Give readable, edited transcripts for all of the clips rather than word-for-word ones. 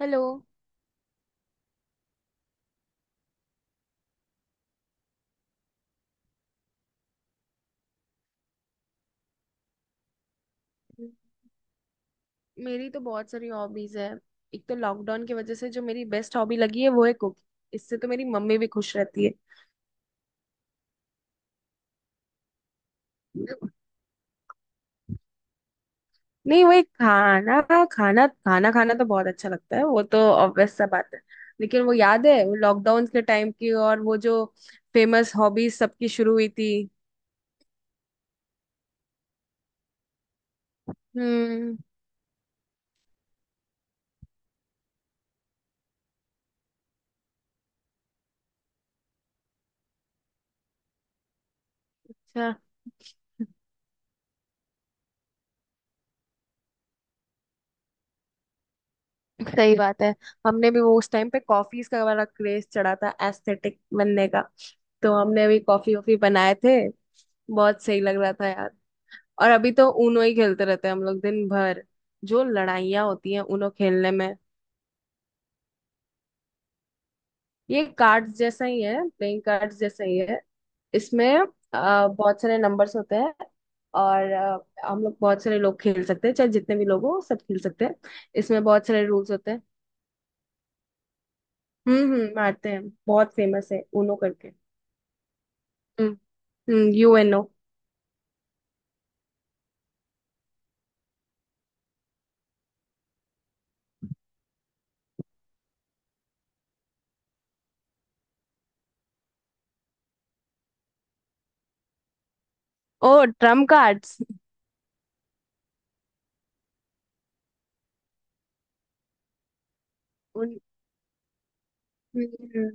Hello. मेरी तो बहुत सारी हॉबीज है। एक तो लॉकडाउन की वजह से जो मेरी बेस्ट हॉबी लगी है वो है कुकिंग। इससे तो मेरी मम्मी भी खुश रहती है। नहीं, वो एक खाना, खाना खाना तो बहुत अच्छा लगता है। वो तो ऑब्वियस सा बात है। लेकिन वो याद है वो लॉकडाउन के टाइम की और वो जो फेमस हॉबीज सबकी शुरू हुई थी। हम्म। अच्छा। सही बात है। हमने भी वो उस टाइम पे कॉफीज का वाला क्रेज चढ़ा था, एस्थेटिक बनने का। तो हमने भी कॉफी वॉफी बनाए थे। बहुत सही लग रहा था यार। और अभी तो ऊनो ही खेलते रहते हैं हम लोग दिन भर। जो लड़ाइयाँ होती हैं ऊनो खेलने में। ये कार्ड्स जैसा ही है, प्लेइंग कार्ड्स जैसा ही है। इसमें बहुत सारे नंबर्स होते हैं। और हम लोग बहुत सारे लोग खेल सकते हैं, चाहे जितने भी लोग हो सब खेल सकते हैं। इसमें बहुत सारे रूल्स होते हैं। हम्म, मारते हैं। बहुत फेमस है ऊनो करके। हम्म, यूएनओ। ओ, ट्रम्प कार्ड्स। उन। हम्म,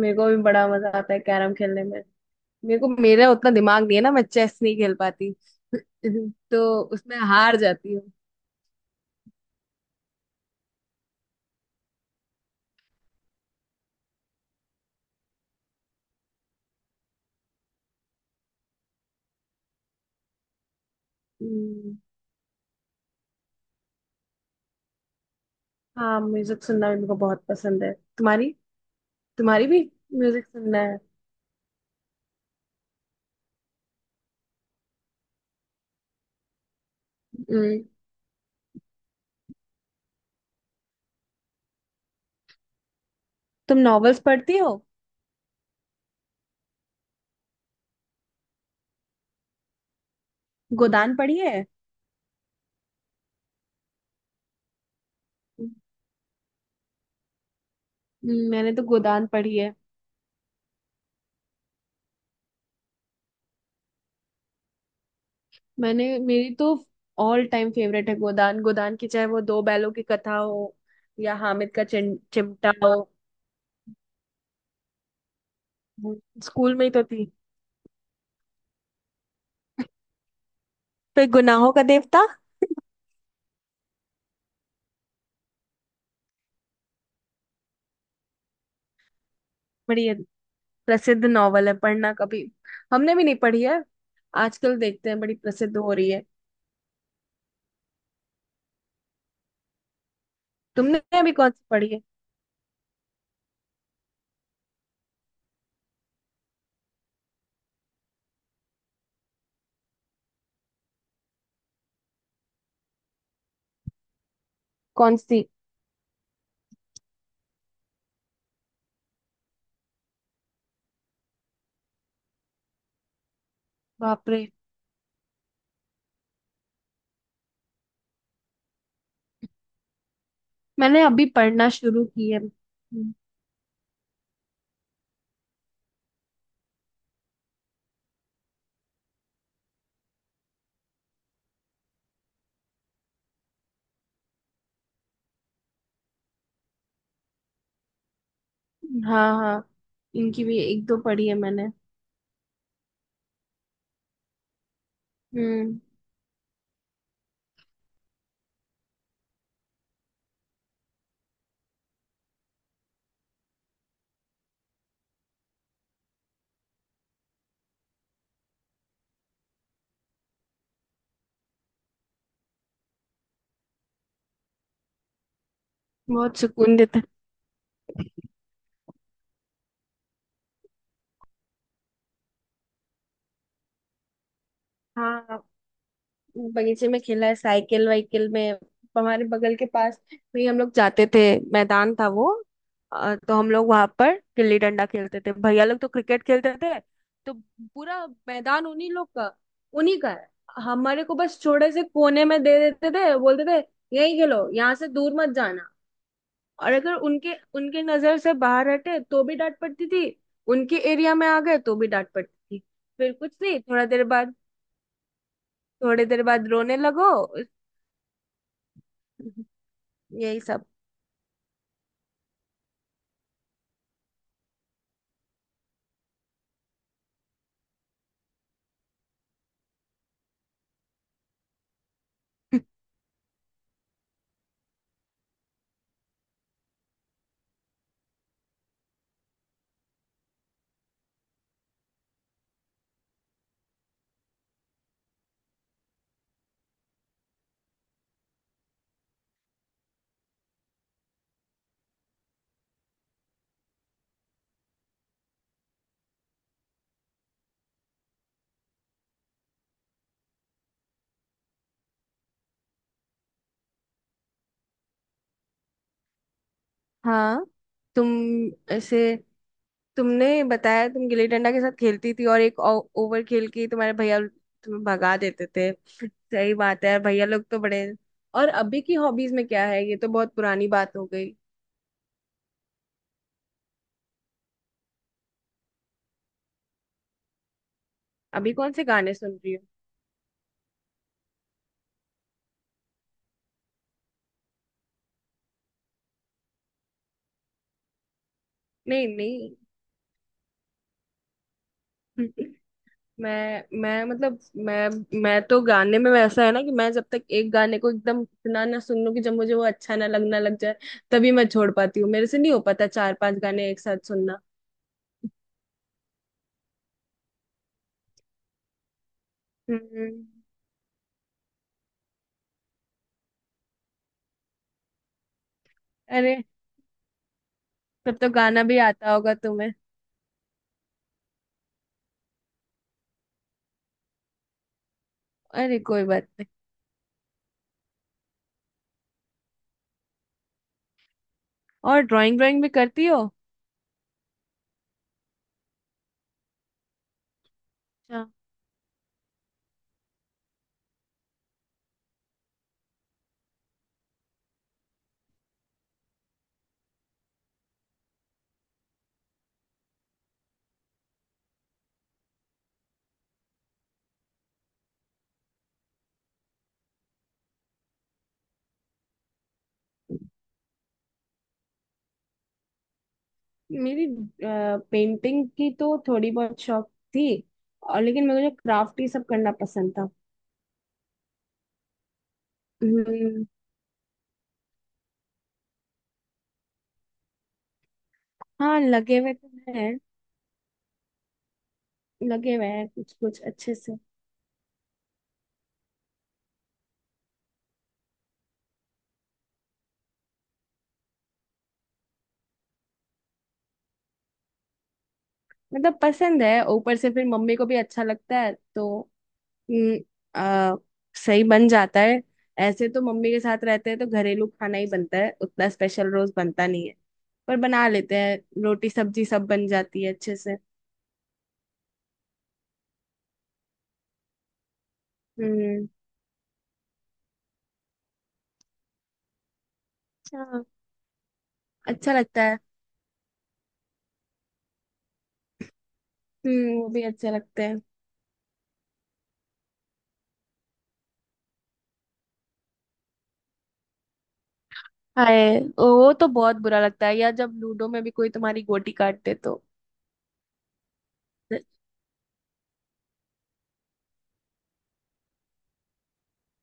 मेरे को भी बड़ा मजा आता है कैरम खेलने में। मेरे को मेरा उतना दिमाग नहीं है ना, मैं चेस नहीं खेल पाती। तो उसमें हार जाती हूँ। हम्म। हाँ, म्यूजिक सुनना भी मेरे को बहुत पसंद है। तुम्हारी, तुम्हारी भी म्यूजिक सुनना है। हम्म। तुम नॉवेल्स पढ़ती हो। गोदान पढ़ी है। मैंने तो गोदान पढ़ी है। मैंने, मेरी तो ऑल टाइम फेवरेट है गोदान। गोदान की चाहे वो दो बैलों की कथा हो या हामिद का चिमटा हो। स्कूल में ही तो थी। फिर गुनाहों का देवता। बड़ी प्रसिद्ध नॉवल है, पढ़ना कभी। हमने भी नहीं पढ़ी है। आजकल देखते हैं बड़ी प्रसिद्ध हो रही है। तुमने अभी कौन सी पढ़ी है? कौन सी? बाप रे। मैंने अभी पढ़ना शुरू की है। हम्म। हाँ हाँ, इनकी भी एक दो पढ़ी है मैंने। हम्म। बहुत सुकून देता है। हाँ, बगीचे में खेला है, साइकिल वाइकिल में। हमारे बगल के पास में ही हम लोग जाते थे। मैदान था वो। तो हम लोग वहां पर गिल्ली डंडा खेलते थे, भैया लोग तो क्रिकेट खेलते थे। तो पूरा मैदान उन्हीं लोग का, उन्हीं का है। हमारे को बस छोटे से कोने में दे देते थे, बोलते थे यही खेलो, यहाँ से दूर मत जाना। और अगर उनके उनके नजर से बाहर हटे तो भी डांट पड़ती थी, उनके एरिया में आ गए तो भी डांट पड़ती थी। फिर कुछ नहीं, थोड़ा देर बाद थोड़ी देर बाद रोने लगो। यही सब। हाँ। तुम, ऐसे तुमने बताया तुम गिल्ली डंडा के साथ खेलती थी और एक ओवर खेल के ही तुम्हारे भैया तुम्हें भगा देते थे। सही बात है यार, भैया लोग तो बड़े। और अभी की हॉबीज में क्या है? ये तो बहुत पुरानी बात हो गई। अभी कौन से गाने सुन रही हो? नहीं नहीं। मैं मतलब, मैं मैं तो गाने में वैसा है ना कि मैं जब तक एक गाने को एकदम इतना ना सुन लूं कि जब मुझे वो अच्छा ना लगना लग जाए, तभी मैं छोड़ पाती हूँ। मेरे से नहीं हो पाता चार पांच गाने एक साथ सुनना। हम्म। अरे, तब तो गाना भी आता होगा तुम्हें। अरे कोई बात नहीं। और ड्राइंग, ड्राइंग भी करती हो? अच्छा। मेरी पेंटिंग की तो थोड़ी बहुत शौक थी। और लेकिन मुझे क्राफ्ट ही सब करना पसंद था। हम्म। हाँ, लगे हुए तो है। लगे हुए हैं कुछ कुछ अच्छे से। मतलब पसंद है, ऊपर से फिर मम्मी को भी अच्छा लगता है तो। हम्म, आ, सही बन जाता है। ऐसे तो मम्मी के साथ रहते हैं तो घरेलू खाना ही बनता है, उतना स्पेशल रोज बनता नहीं है। पर बना लेते हैं। रोटी सब्जी सब बन जाती है अच्छे से। हम्म। हाँ, अच्छा लगता है। हम्म, वो भी अच्छे लगते हैं। हाय, वो तो बहुत बुरा लगता है। या जब लूडो में भी कोई तुम्हारी गोटी काट दे तो।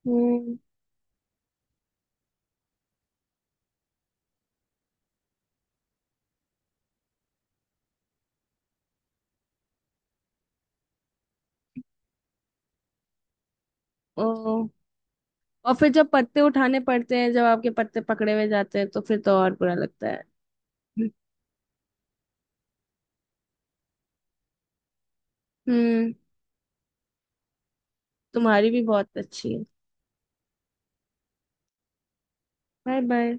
हम्म। ओ, और फिर जब पत्ते उठाने पड़ते हैं, जब आपके पत्ते पकड़े हुए जाते हैं, तो फिर तो और बुरा लगता है। हम्म। तुम्हारी भी बहुत अच्छी है। Bye bye.